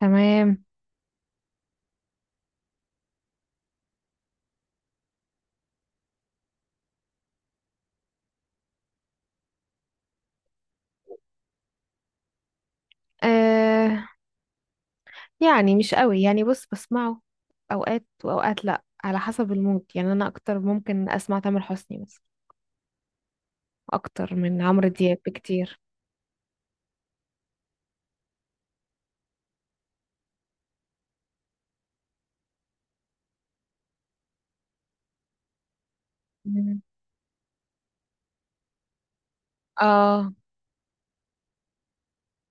تمام. آه، يعني مش قوي. يعني بص، بسمعه اوقات واوقات، لا على حسب المود. يعني انا اكتر ممكن اسمع تامر حسني مثلا اكتر من عمرو دياب بكتير. مم. اه،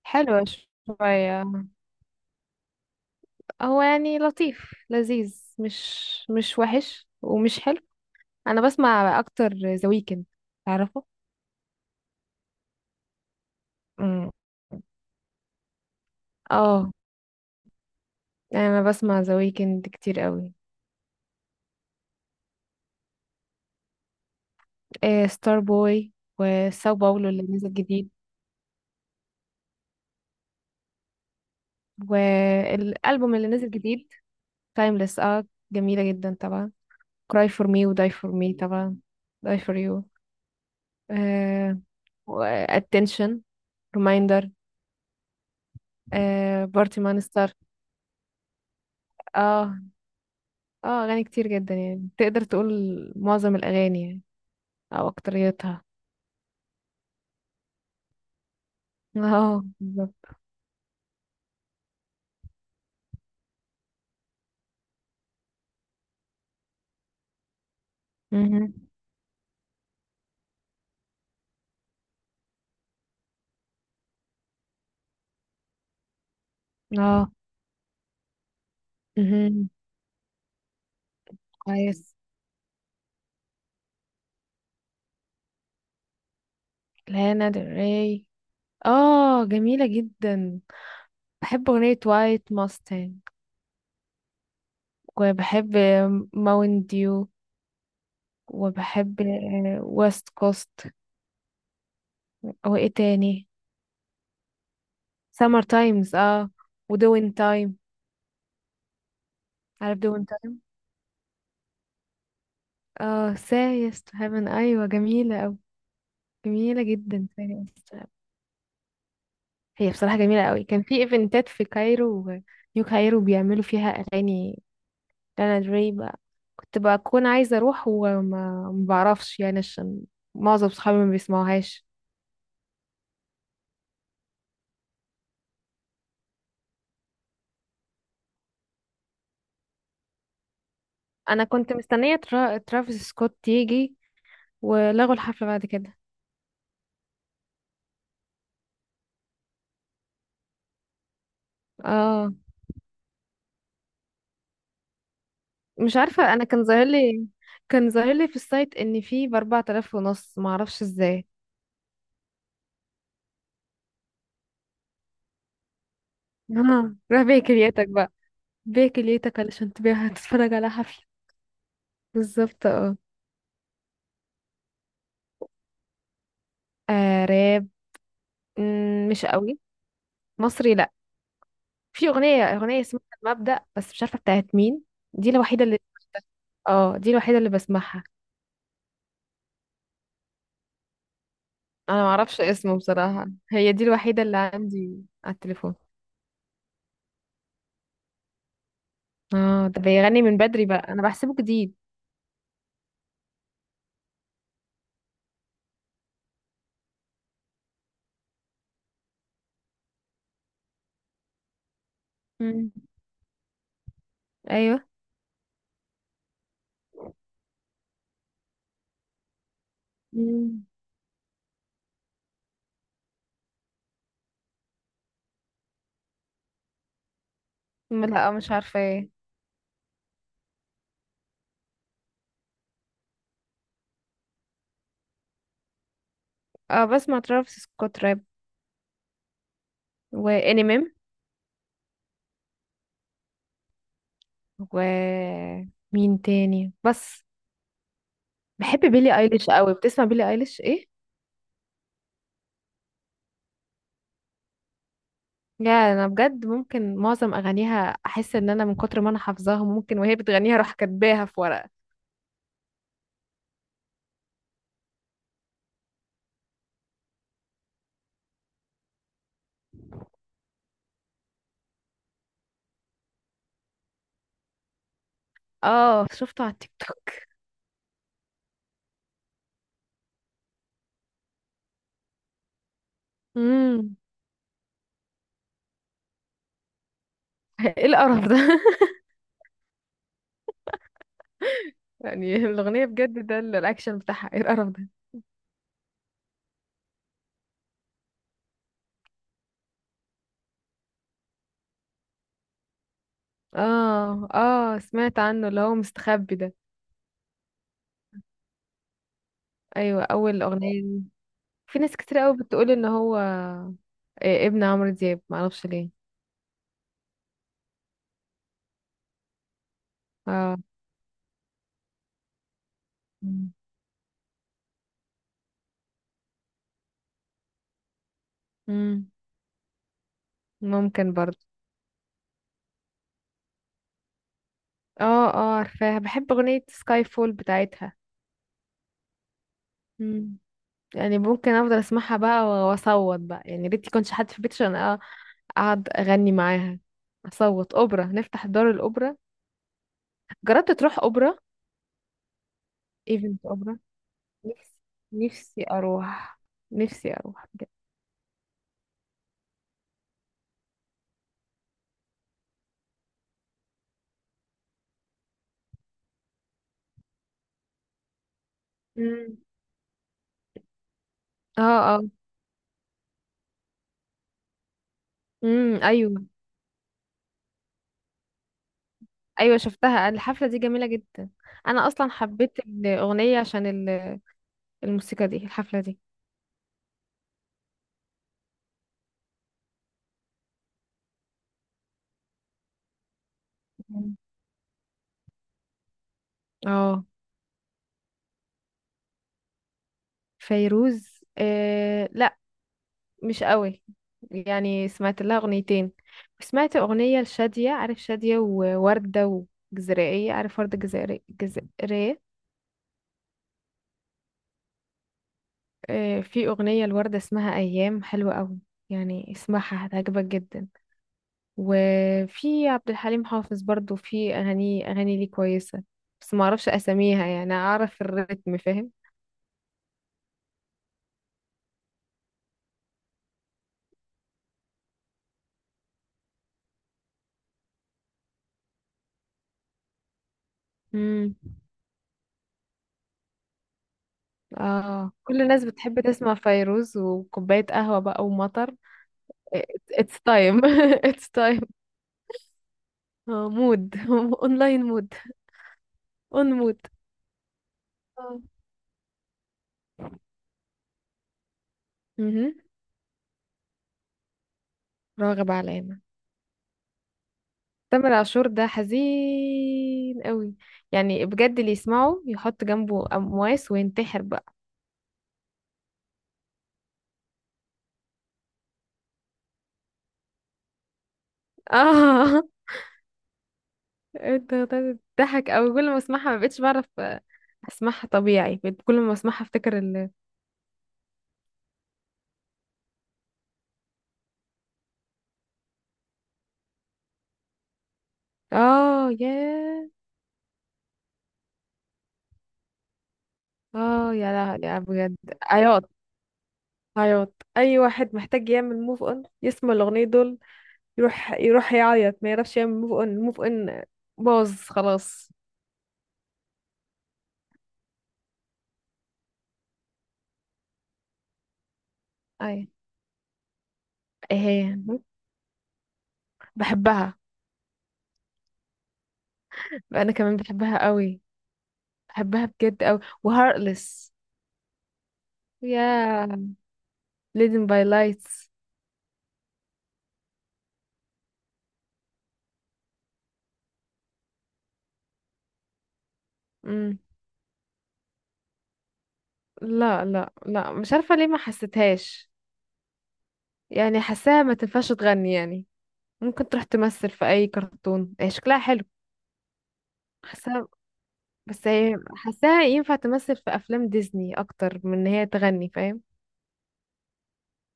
حلوة شوية. هو يعني لطيف لذيذ. مش وحش ومش حلو. انا بسمع اكتر ذا ويكند، تعرفه؟ مم. اه، انا بسمع ذا ويكند كتير قوي. آه، ستار بوي وساو باولو اللي نزل جديد، والالبوم اللي نزل جديد تايمليس. اه، جميله جدا طبعا. cry for me و die for me طبعا. die for you. آه، و attention، reminder. آه، party monster. اه، اه، اغاني كتير جدا، يعني تقدر تقول معظم الاغاني، يعني او اكتريتها. اه، بالظبط. مهم. اه. مهم. كويس. لانا ديل ري، اه، جميله جدا. بحب اغنيه وايت ماستنج، وبحب ماون ديو، وبحب ويست كوست. او ايه تاني؟ سمر تايمز، اه. ودوين تايم، عارف دوين تايم. اه، سايس تو هيفن، ايوه، جميله أوي، جميله جدا سايس to Heaven. هي بصراحه جميله أوي. كان في ايفنتات في كايرو، نيو كايرو بيعملوا فيها اغاني لانا دري بقى. كنت بكون عايزه اروح وما ما بعرفش يعني عشان معظم صحابي ما بيسمعوهاش. انا كنت مستنيه ترافيس سكوت يجي، ولغوا الحفله بعد كده. اه، مش عارفة. انا كان ظاهر لي في السايت ان في بـ4500، معرفش ازاي. اه، روح بيع كليتك بقى. بيع كليتك علشان تبيعها تتفرج على حفلة. بالظبط، اه. آه، راب. مش قوي. مصري لا. في اغنية اسمها المبدأ بس مش عارفة بتاعت مين. دي الوحيدة اللي. اه، دي الوحيدة اللي بسمعها. انا معرفش اسمه بصراحة، هي دي الوحيدة اللي عندي على التليفون. اه، ده بيغني من بدري بقى، انا بحسبه جديد. مم. ايوه. مم. لا، مش عارفة ايه. اه، بسمع ترافيس سكوت راب، وانيميم. و مين تاني بس؟ بحب بيلي ايليش قوي. بتسمع بيلي ايليش، ايه؟ يا، انا بجد ممكن معظم اغانيها احس ان انا من كتر ما انا حافظاها ممكن وهي بتغنيها اروح كاتباها في ورقة. اه، شفته على التيك توك. امم ايه القرف ده؟ يعني الاغنية بجد ده، الاكشن بتاعها ايه القرف ده. اه، اه، سمعت عنه اللي هو مستخبي ده. ايوه، اول اغنية ليه. في ناس كتير قوي بتقول ان هو إيه ابن عمرو دياب، معرفش ليه. اه. مم. مم. ممكن برضه. اه، اه، عارفاها، بحب اغنية سكاي فول بتاعتها. مم. يعني ممكن افضل اسمعها بقى واصوت بقى، يعني ريت يكونش حد في البيت عشان اقعد اغني معاها، اصوت اوبرا، نفتح دار الاوبرا. جربت تروح اوبرا، ايفنت اوبرا؟ نفسي. نفسي اروح. نفسي اروح بجد. مم. اه. اه. امم، ايوه. ايوه شفتها، الحفله دي جميله جدا. انا اصلا حبيت الاغنيه عشان الموسيقى دي، الحفلة دي. مم. اه. فيروز؟ آه لا، مش قوي. يعني سمعت لها اغنيتين. سمعت اغنية لشادية، عارف شادية ووردة؟ وجزائرية، عارف وردة جزائرية، جزائرية. آه، في اغنية لوردة اسمها ايام حلوة قوي، يعني اسمعها هتعجبك جدا. وفي عبد الحليم حافظ برضو في اغاني ليه كويسة. بس ما اعرفش اساميها، يعني اعرف الريتم، فاهم؟ مم. اه، كل الناس بتحب تسمع فيروز وكوباية قهوة بقى ومطر. it's time it's time. اه، مود. اونلاين مود. اون مود. اه. مهم. راغب علامة. تامر عاشور ده حزين قوي، يعني بجد اللي يسمعه يحط جنبه أمواس وينتحر بقى. اه، انت بتضحك قوي كل ما اسمعها. ما بقتش بعرف اسمعها طبيعي، بقيت كل ما اسمعها افتكر. اه، ياه. اه يا، لا يا بجد. عياط. عياط، اي واحد محتاج يعمل موف اون يسمع الاغنيه دول. يروح يروح يعيط، ما يعرفش يعمل موف اون. الموف اون باظ خلاص. اي، ايه؟ هي، بحبها. انا كمان بحبها قوي، بحبها بجد قوي. وهارتلess. يا، leading by lights. مم. لا لا لا، مش عارفه ليه، ما حسيتهاش. يعني حاساها ما تنفعش تغني يعني. ممكن تروح تمثل في اي كرتون، هي شكلها حلو. حاساها. بس هي حاساها ينفع تمثل في افلام ديزني اكتر من ان هي تغني، فاهم؟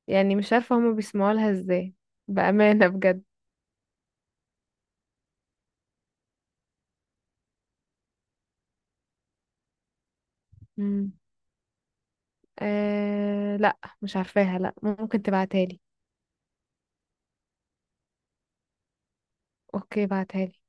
يعني مش عارفه هما بيسمعوا لها ازاي بامانه بجد. مم. أه لا، مش عارفاها لا، ممكن تبعتها لي. اوكي، بعتها لي.